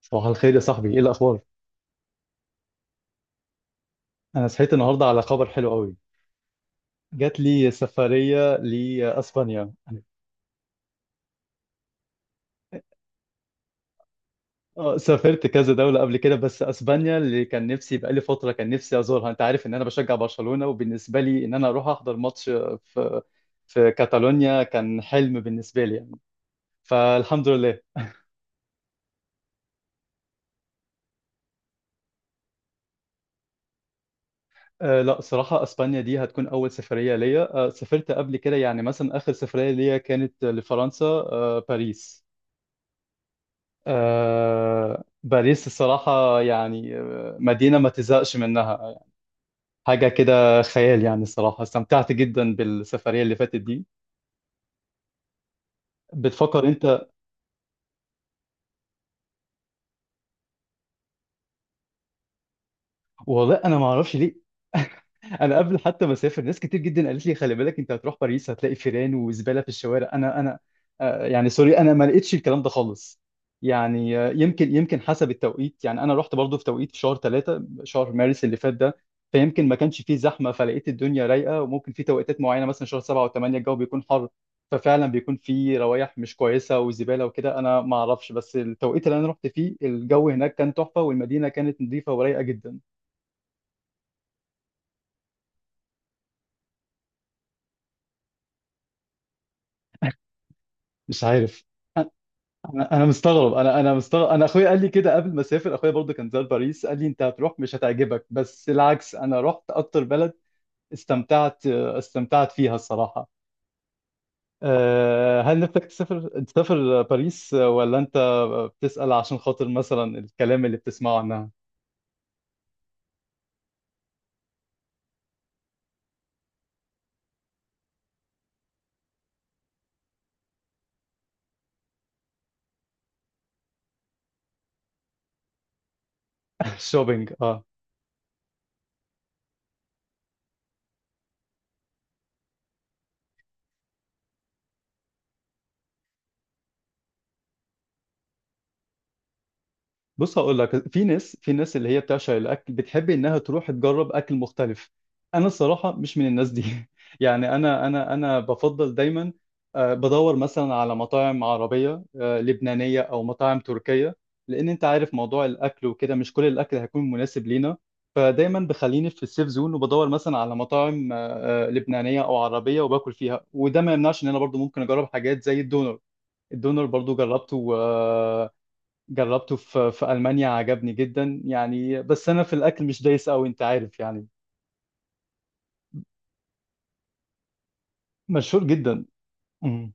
صباح الخير يا صاحبي، ايه الاخبار؟ انا صحيت النهارده على خبر حلو قوي. جات لي سفريه لاسبانيا. اه، سافرت كذا دوله قبل كده، بس اسبانيا اللي كان نفسي بقالي فتره كان نفسي ازورها. انت عارف ان انا بشجع برشلونه، وبالنسبه لي ان انا اروح احضر ماتش في في كاتالونيا كان حلم بالنسبه لي يعني. فالحمد لله. لا، صراحه اسبانيا دي هتكون اول سفريه ليا. سافرت قبل كده، يعني مثلا اخر سفريه ليا كانت لفرنسا، باريس. باريس الصراحة يعني مدينة ما تزهقش منها. حاجة كده خيال يعني، الصراحة استمتعت جدا بالسفرية اللي فاتت دي. بتفكر انت؟ والله انا ما اعرفش ليه. انا قبل حتى ما اسافر، ناس كتير جدا قالت لي خلي بالك انت هتروح باريس هتلاقي فيران وزباله في الشوارع. انا. يعني سوري انا ما لقيتش الكلام ده خالص. يعني يمكن حسب التوقيت. يعني انا رحت برضو في توقيت في شهر ثلاثة، شهر مارس اللي فات ده، فيمكن ما كانش فيه زحمه فلقيت الدنيا رايقه. وممكن في توقيتات معينه، مثلا شهر سبعة وثمانية، الجو بيكون حر ففعلا بيكون فيه روايح مش كويسه وزباله وكده، انا ما اعرفش. بس التوقيت اللي انا رحت فيه الجو هناك كان تحفه، والمدينه كانت نظيفه ورايقه جدا. مش عارف. أنا مستغرب، انا مستغرب. انا اخويا قال لي كده قبل ما اسافر، اخويا برضه كان زار باريس قال لي انت هتروح مش هتعجبك، بس العكس، انا رحت اكتر بلد استمتعت استمتعت فيها الصراحة. هل نفسك تسافر تسافر باريس، ولا انت بتسأل عشان خاطر مثلا الكلام اللي بتسمعه عنها؟ الشوبينج، اه. بص، هقول لك، في ناس اللي هي بتعشق الاكل، بتحب انها تروح تجرب اكل مختلف. انا الصراحه مش من الناس دي. يعني انا بفضل دايما بدور مثلا على مطاعم عربيه، لبنانيه او مطاعم تركيه، لان انت عارف موضوع الاكل وكده مش كل الاكل هيكون مناسب لينا. فدايما بخليني في السيف زون وبدور مثلا على مطاعم لبنانيه او عربيه وباكل فيها. وده ما يمنعش ان انا برضو ممكن اجرب حاجات زي الدونر. الدونر برضو جربته، جربته في ألمانيا، عجبني جدا يعني. بس أنا في الأكل مش دايس أوي، أنت عارف يعني. مشهور جدا. مم.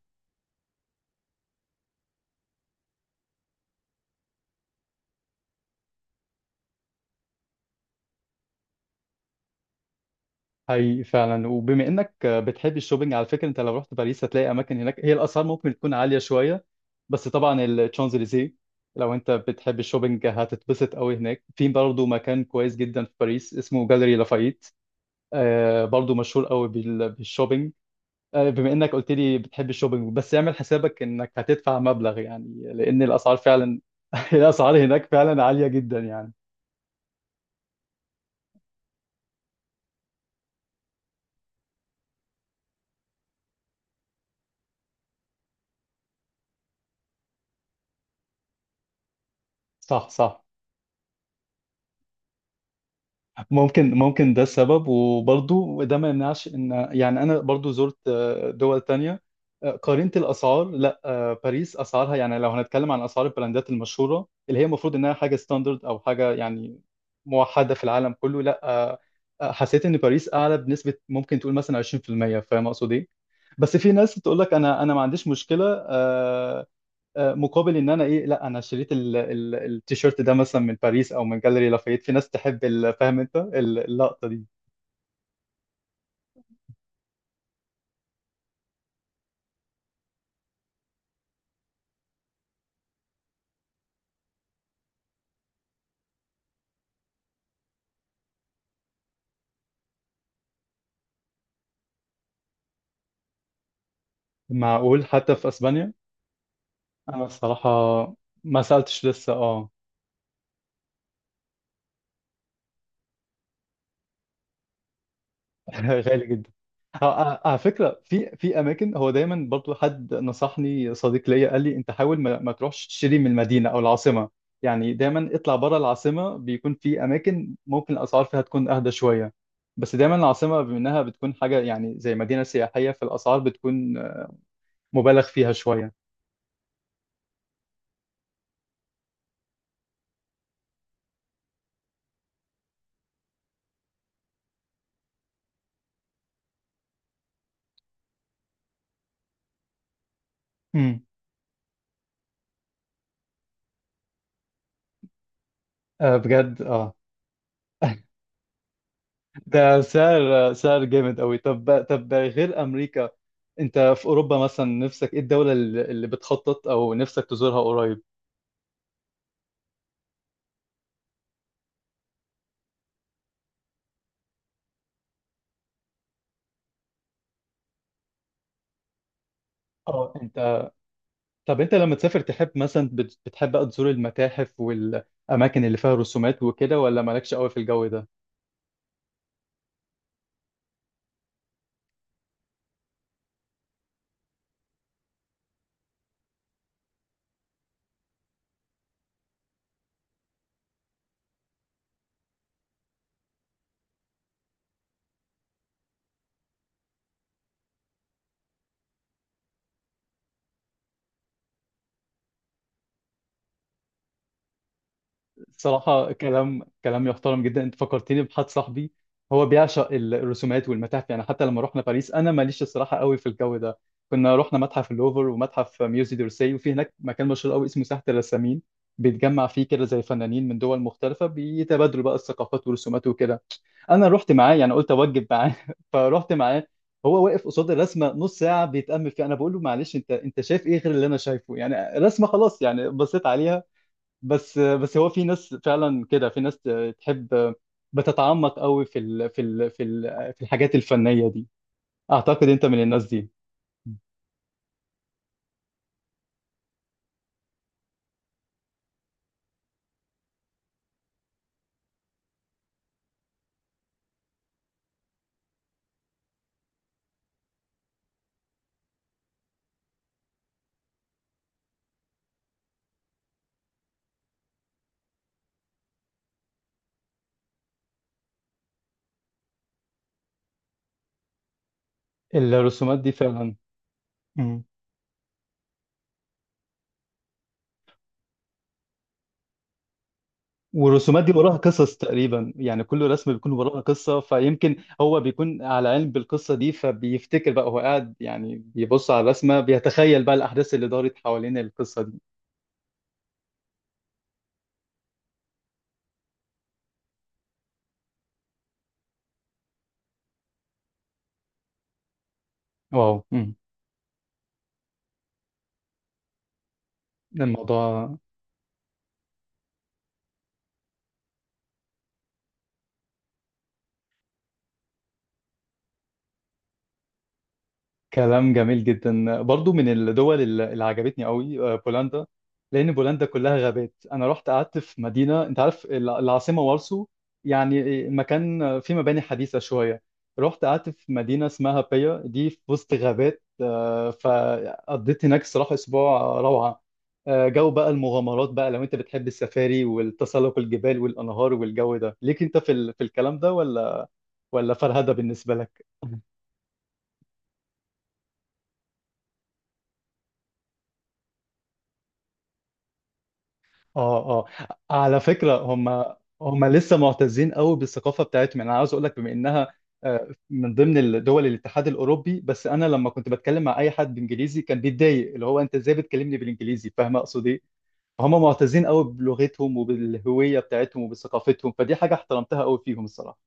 حقيقي فعلا. وبما إنك بتحب الشوبينج، على فكرة أنت لو رحت باريس هتلاقي أماكن هناك هي الأسعار ممكن تكون عالية شوية، بس طبعا الشانزليزيه، لو أنت بتحب الشوبينج هتتبسط أوي هناك. في برضه مكان كويس جدا في باريس اسمه جاليري لافايت، برضه مشهور أوي بالشوبينج. بما انك قلت لي بتحب الشوبينج، بس اعمل حسابك انك هتدفع مبلغ يعني، لان الاسعار فعلا. الاسعار هناك فعلا عالية جدا يعني. صح، صح. ممكن ده السبب. وبرضو ده ما يمنعش ان، يعني انا برضو زرت دول تانية، قارنت الاسعار. لا، باريس اسعارها يعني لو هنتكلم عن اسعار البراندات المشهورة اللي هي المفروض انها حاجة ستاندرد او حاجة يعني موحدة في العالم كله، لا حسيت ان باريس اعلى بنسبة ممكن تقول مثلا 20%، فاهم اقصد ايه؟ بس في ناس تقول لك انا ما عنديش مشكلة مقابل ان انا ايه، لا انا شريت التيشيرت ده مثلا من باريس او من جاليري لافايت. في ناس تحب فاهم انت اللقطه دي. معقول، حتى في اسبانيا؟ انا الصراحه ما سالتش لسه، اه. غالي جدا. اه، اه، على فكره في اماكن، هو دايما برضو حد نصحني صديق ليا قال لي انت حاول ما تروحش تشتري من المدينه او العاصمه. يعني دايما اطلع بره العاصمه، بيكون في اماكن ممكن الاسعار فيها تكون اهدى شويه. بس دايما العاصمه بما انها بتكون حاجه يعني زي مدينه سياحيه، فالاسعار بتكون مبالغ فيها شويه. امم آه، بجد، اه. ده سعر سعر جامد قوي. طب غير امريكا، انت في اوروبا مثلا نفسك ايه الدولة اللي بتخطط او نفسك تزورها قريب؟ اه، انت. طب انت لما تسافر تحب مثلا بتحب بقى تزور المتاحف والاماكن اللي فيها رسومات وكده، ولا مالكش قوي في الجو ده؟ الصراحة كلام كلام يحترم جدا. انت فكرتني بحد صاحبي، هو بيعشق الرسومات والمتاحف. يعني حتى لما رحنا باريس، انا ماليش الصراحة قوي في الجو ده، كنا رحنا متحف اللوفر ومتحف ميوزي دورسي، وفي هناك مكان مشهور قوي اسمه ساحة الرسامين، بيتجمع فيه كده زي فنانين من دول مختلفة بيتبادلوا بقى الثقافات والرسومات وكده. انا رحت معاه، يعني قلت اوجب معاه. فرحت معاه، هو واقف قصاد الرسمة نص ساعة بيتأمل فيها. انا بقول له معلش انت شايف ايه غير اللي انا شايفه؟ يعني رسمة خلاص، يعني بصيت عليها. بس هو في ناس فعلا كده، في ناس تحب بتتعمق قوي في الحاجات الفنية دي. اعتقد انت من الناس دي. الرسومات دي فعلا. مم. والرسومات دي وراها قصص تقريبا، يعني كل رسم بيكون وراها قصة، فيمكن هو بيكون على علم بالقصة دي فبيفتكر بقى. هو قاعد يعني بيبص على الرسمة بيتخيل بقى الأحداث اللي دارت حوالين القصة دي. واو. مم. الموضوع. كلام جميل جدا. برضو من الدول اللي عجبتني قوي بولندا. لان بولندا كلها غابات. انا رحت قعدت في مدينه، انت عارف العاصمه وارسو، يعني مكان فيه مباني حديثه شويه. رحت قعدت في مدينه اسمها بيا دي في وسط غابات، فقضيت هناك الصراحه اسبوع روعه. جو بقى المغامرات بقى، لو انت بتحب السفاري والتسلق الجبال والانهار والجو ده ليك انت في الكلام ده، ولا ولا فرهده بالنسبه لك؟ اه، اه، على فكرة هم، هم لسه معتزين قوي بالثقافة بتاعتهم. يعني انا عاوز اقول لك، بما انها من ضمن دول الاتحاد الاوروبي، بس انا لما كنت بتكلم مع اي حد بانجليزي كان بيتضايق، اللي هو انت ازاي بتكلمني بالانجليزي، فاهم اقصد ايه؟ فهم معتزين قوي بلغتهم وبالهوية بتاعتهم وبثقافتهم، فدي حاجة احترمتها قوي فيهم الصراحة.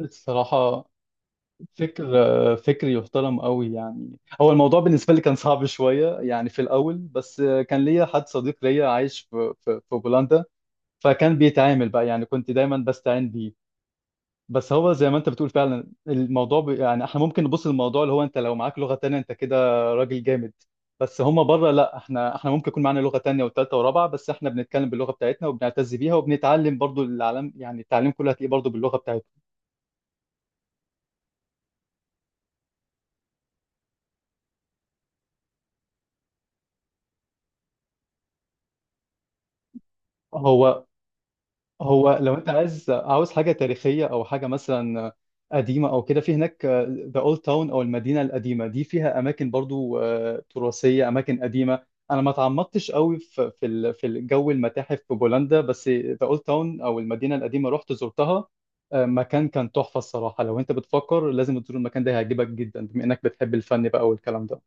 الصراحة فكر، فكر يحترم قوي. يعني هو الموضوع بالنسبة لي كان صعب شوية يعني في الأول، بس كان ليا حد صديق ليا عايش في بولندا، فكان بيتعامل بقى، يعني كنت دايما بستعين بيه. بس هو زي ما انت بتقول فعلا، الموضوع يعني احنا ممكن نبص للموضوع اللي هو انت لو معاك لغة تانية انت كده راجل جامد. بس هما بره لا، احنا ممكن يكون معانا لغة تانية وتالتة ورابعة، بس احنا بنتكلم باللغة بتاعتنا وبنعتز بيها، وبنتعلم برضو العالم. يعني التعليم كله هتلاقيه برضو باللغة بتاعته. هو هو لو انت عايز عاوز حاجه تاريخيه او حاجه مثلا قديمه او كده، في هناك ذا اولد تاون او المدينه القديمه دي، فيها اماكن برضو تراثيه، اماكن قديمه. انا ما تعمقتش قوي في الجو المتاحف في بولندا، بس ذا اولد تاون او المدينه القديمه رحت زرتها، مكان كان تحفه الصراحه. لو انت بتفكر لازم تزور المكان ده، هيعجبك جدا بما انك بتحب الفن بقى والكلام ده.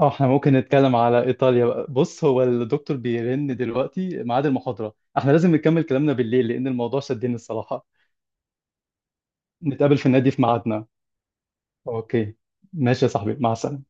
اه، احنا ممكن نتكلم على ايطاليا بقى. بص، هو الدكتور بيرن دلوقتي ميعاد المحاضرة، احنا لازم نكمل كلامنا بالليل لأن الموضوع شدني الصراحة. نتقابل في النادي في ميعادنا. اوكي، ماشي يا صاحبي، مع السلامة.